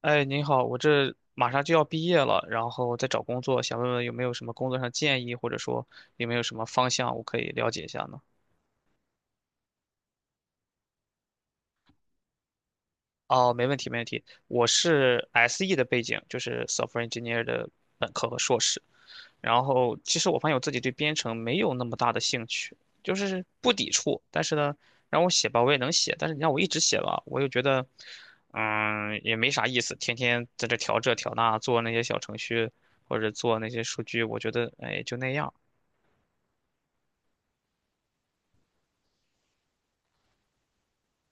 哎，您好，我这马上就要毕业了，然后在找工作，想问问有没有什么工作上建议，或者说有没有什么方向我可以了解一下呢？哦，没问题，没问题。我是 SE 的背景，就是 software engineer 的本科和硕士。然后其实我发现我自己对编程没有那么大的兴趣，就是不抵触，但是呢，让我写吧，我也能写，但是你让我一直写吧，我又觉得，也没啥意思，天天在这调这调那，做那些小程序或者做那些数据，我觉得，哎，就那样。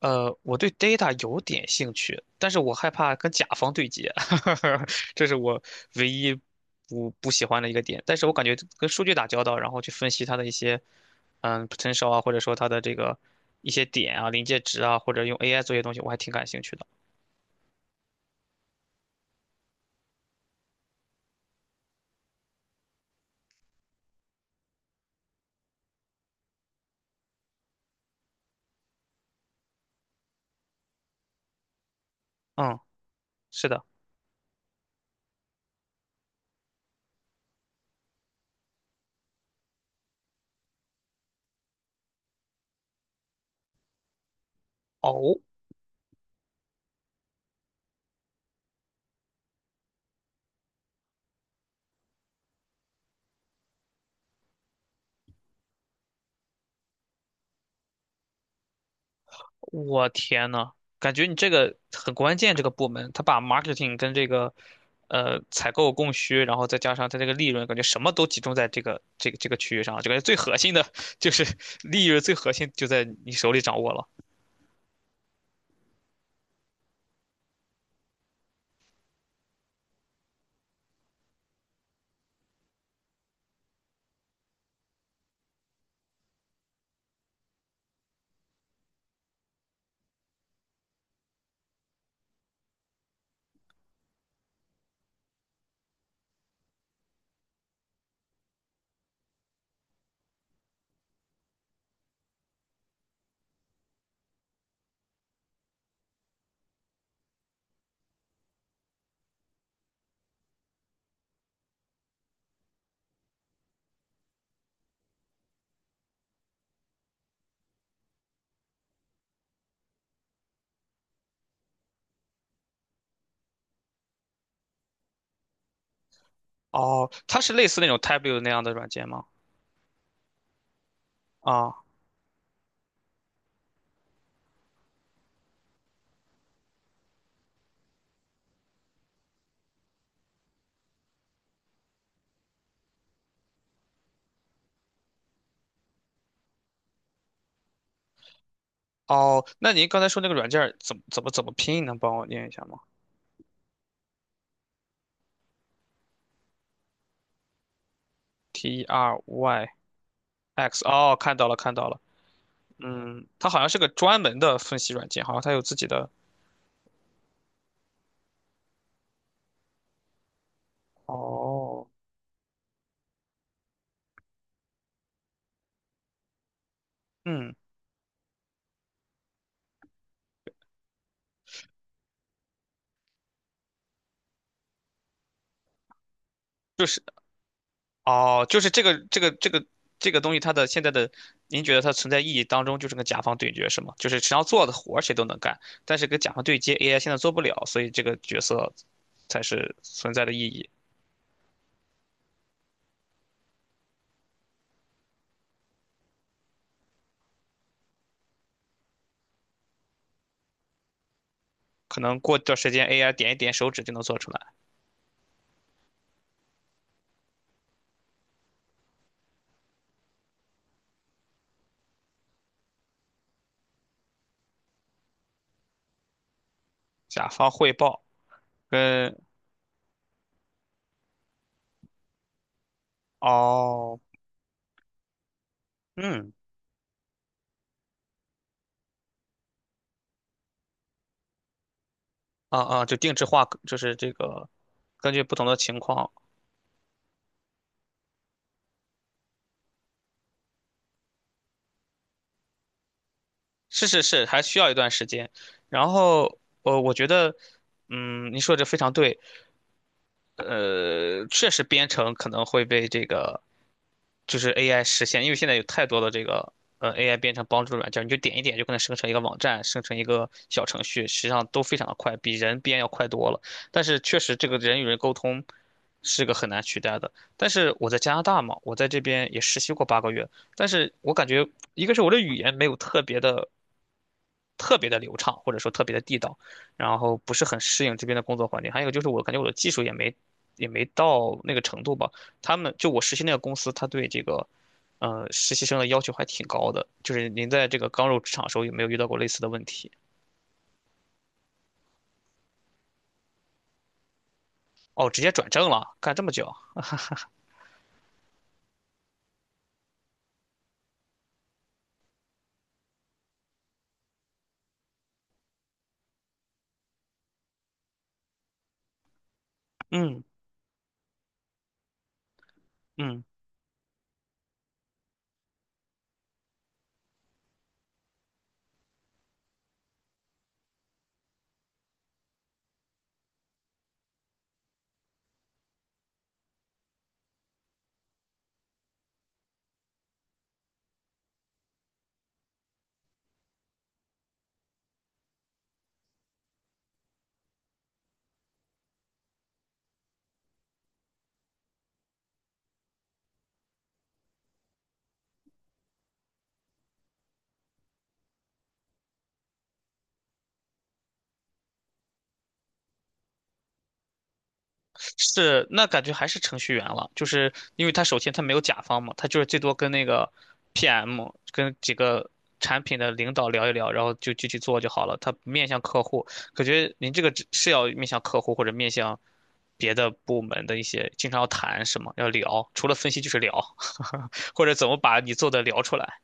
我对 data 有点兴趣，但是我害怕跟甲方对接，这是我唯一不喜欢的一个点。但是我感觉跟数据打交道，然后去分析它的一些potential 啊，或者说它的这个一些点啊、临界值啊，或者用 AI 做一些东西，我还挺感兴趣的。嗯，是的。哦，我天呐，感觉你这个很关键，这个部门他把 marketing 跟这个采购供需，然后再加上他这个利润，感觉什么都集中在这个区域上了，就感觉最核心的就是 利润，最核心就在你手里掌握了。哦，它是类似那种 t a b l e u 那样的软件吗？啊，哦，那您刚才说那个软件儿怎么拼，能帮我念一下吗？T E R Y X，哦，看到了看到了，嗯，它好像是个专门的分析软件，好像它有自己的。哦，嗯，就是哦，就是这个这个东西，它的现在的，您觉得它存在意义当中就是跟甲方对决是吗？就是只要做的活儿谁都能干，但是跟甲方对接 AI 现在做不了，所以这个角色才是存在的意义。可能过段时间 AI 点一点手指就能做出来。甲方汇报跟哦，嗯，啊啊，就定制化，就是这个根据不同的情况，是是是，还需要一段时间。然后，我觉得，嗯，你说的这非常对。确实编程可能会被这个就是 AI 实现，因为现在有太多的这个AI 编程帮助软件，你就点一点就可能生成一个网站，生成一个小程序，实际上都非常的快，比人编要快多了。但是确实这个人与人沟通是个很难取代的。但是我在加拿大嘛，我在这边也实习过8个月，但是我感觉一个是我的语言没有特别的流畅，或者说特别的地道，然后不是很适应这边的工作环境。还有一个就是我感觉我的技术也没到那个程度吧。他们就我实习那个公司，他对这个实习生的要求还挺高的。就是您在这个刚入职场的时候有没有遇到过类似的问题？哦，直接转正了，干这么久？嗯嗯。是，那感觉还是程序员了，就是因为他首先他没有甲方嘛，他就是最多跟那个 PM 跟几个产品的领导聊一聊，然后就具体做就好了。他面向客户，感觉您这个只是要面向客户或者面向别的部门的一些，经常要谈什么，要聊，除了分析就是聊，或者怎么把你做的聊出来。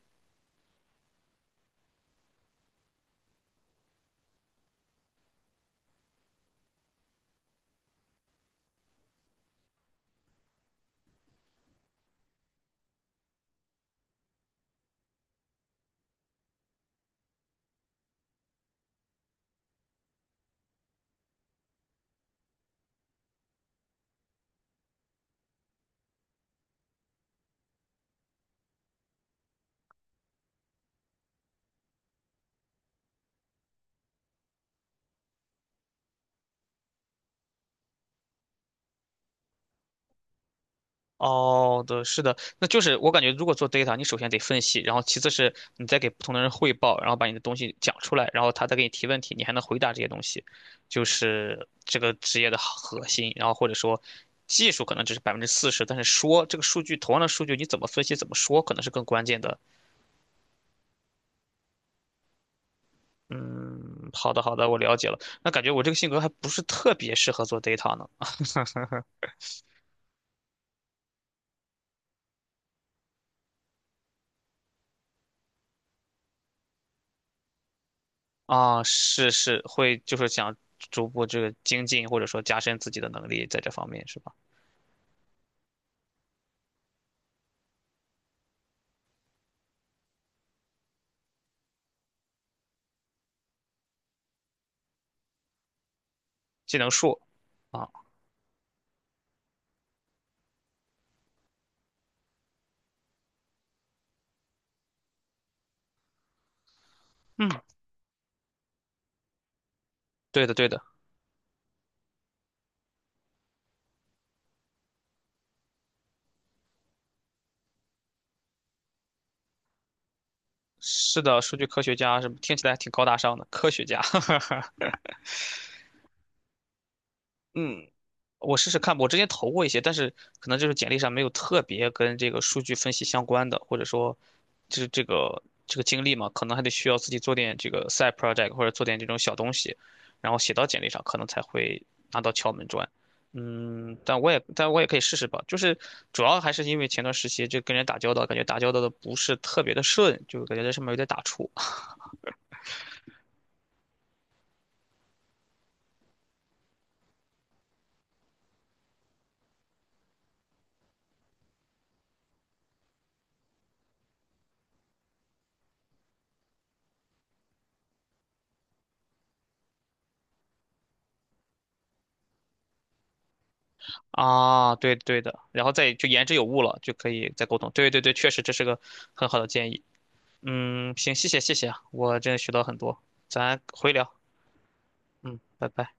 哦，对，是的，那就是我感觉，如果做 data，你首先得分析，然后其次是你再给不同的人汇报，然后把你的东西讲出来，然后他再给你提问题，你还能回答这些东西，就是这个职业的核心。然后或者说，技术可能只是40%，但是说这个数据，同样的数据你怎么分析、怎么说，可能是更关键的。嗯，好的，好的，我了解了。那感觉我这个性格还不是特别适合做 data 呢。啊，是是，会就是想逐步这个精进，或者说加深自己的能力在这方面，是吧？技能树啊，嗯，对的对的，是的，数据科学家什么听起来还挺高大上的，科学家，嗯，我试试看吧我之前投过一些，但是可能就是简历上没有特别跟这个数据分析相关的，或者说，就是这个经历嘛，可能还得需要自己做点这个 side project 或者做点这种小东西，然后写到简历上，可能才会拿到敲门砖。嗯，但我也可以试试吧。就是主要还是因为前段时期就跟人打交道，感觉打交道的不是特别的顺，就感觉在上面有点打怵。啊，对对的，然后再就言之有物了，就可以再沟通。对对对，确实这是个很好的建议。嗯，行，谢谢啊我真的学到很多，咱回聊，嗯，拜拜。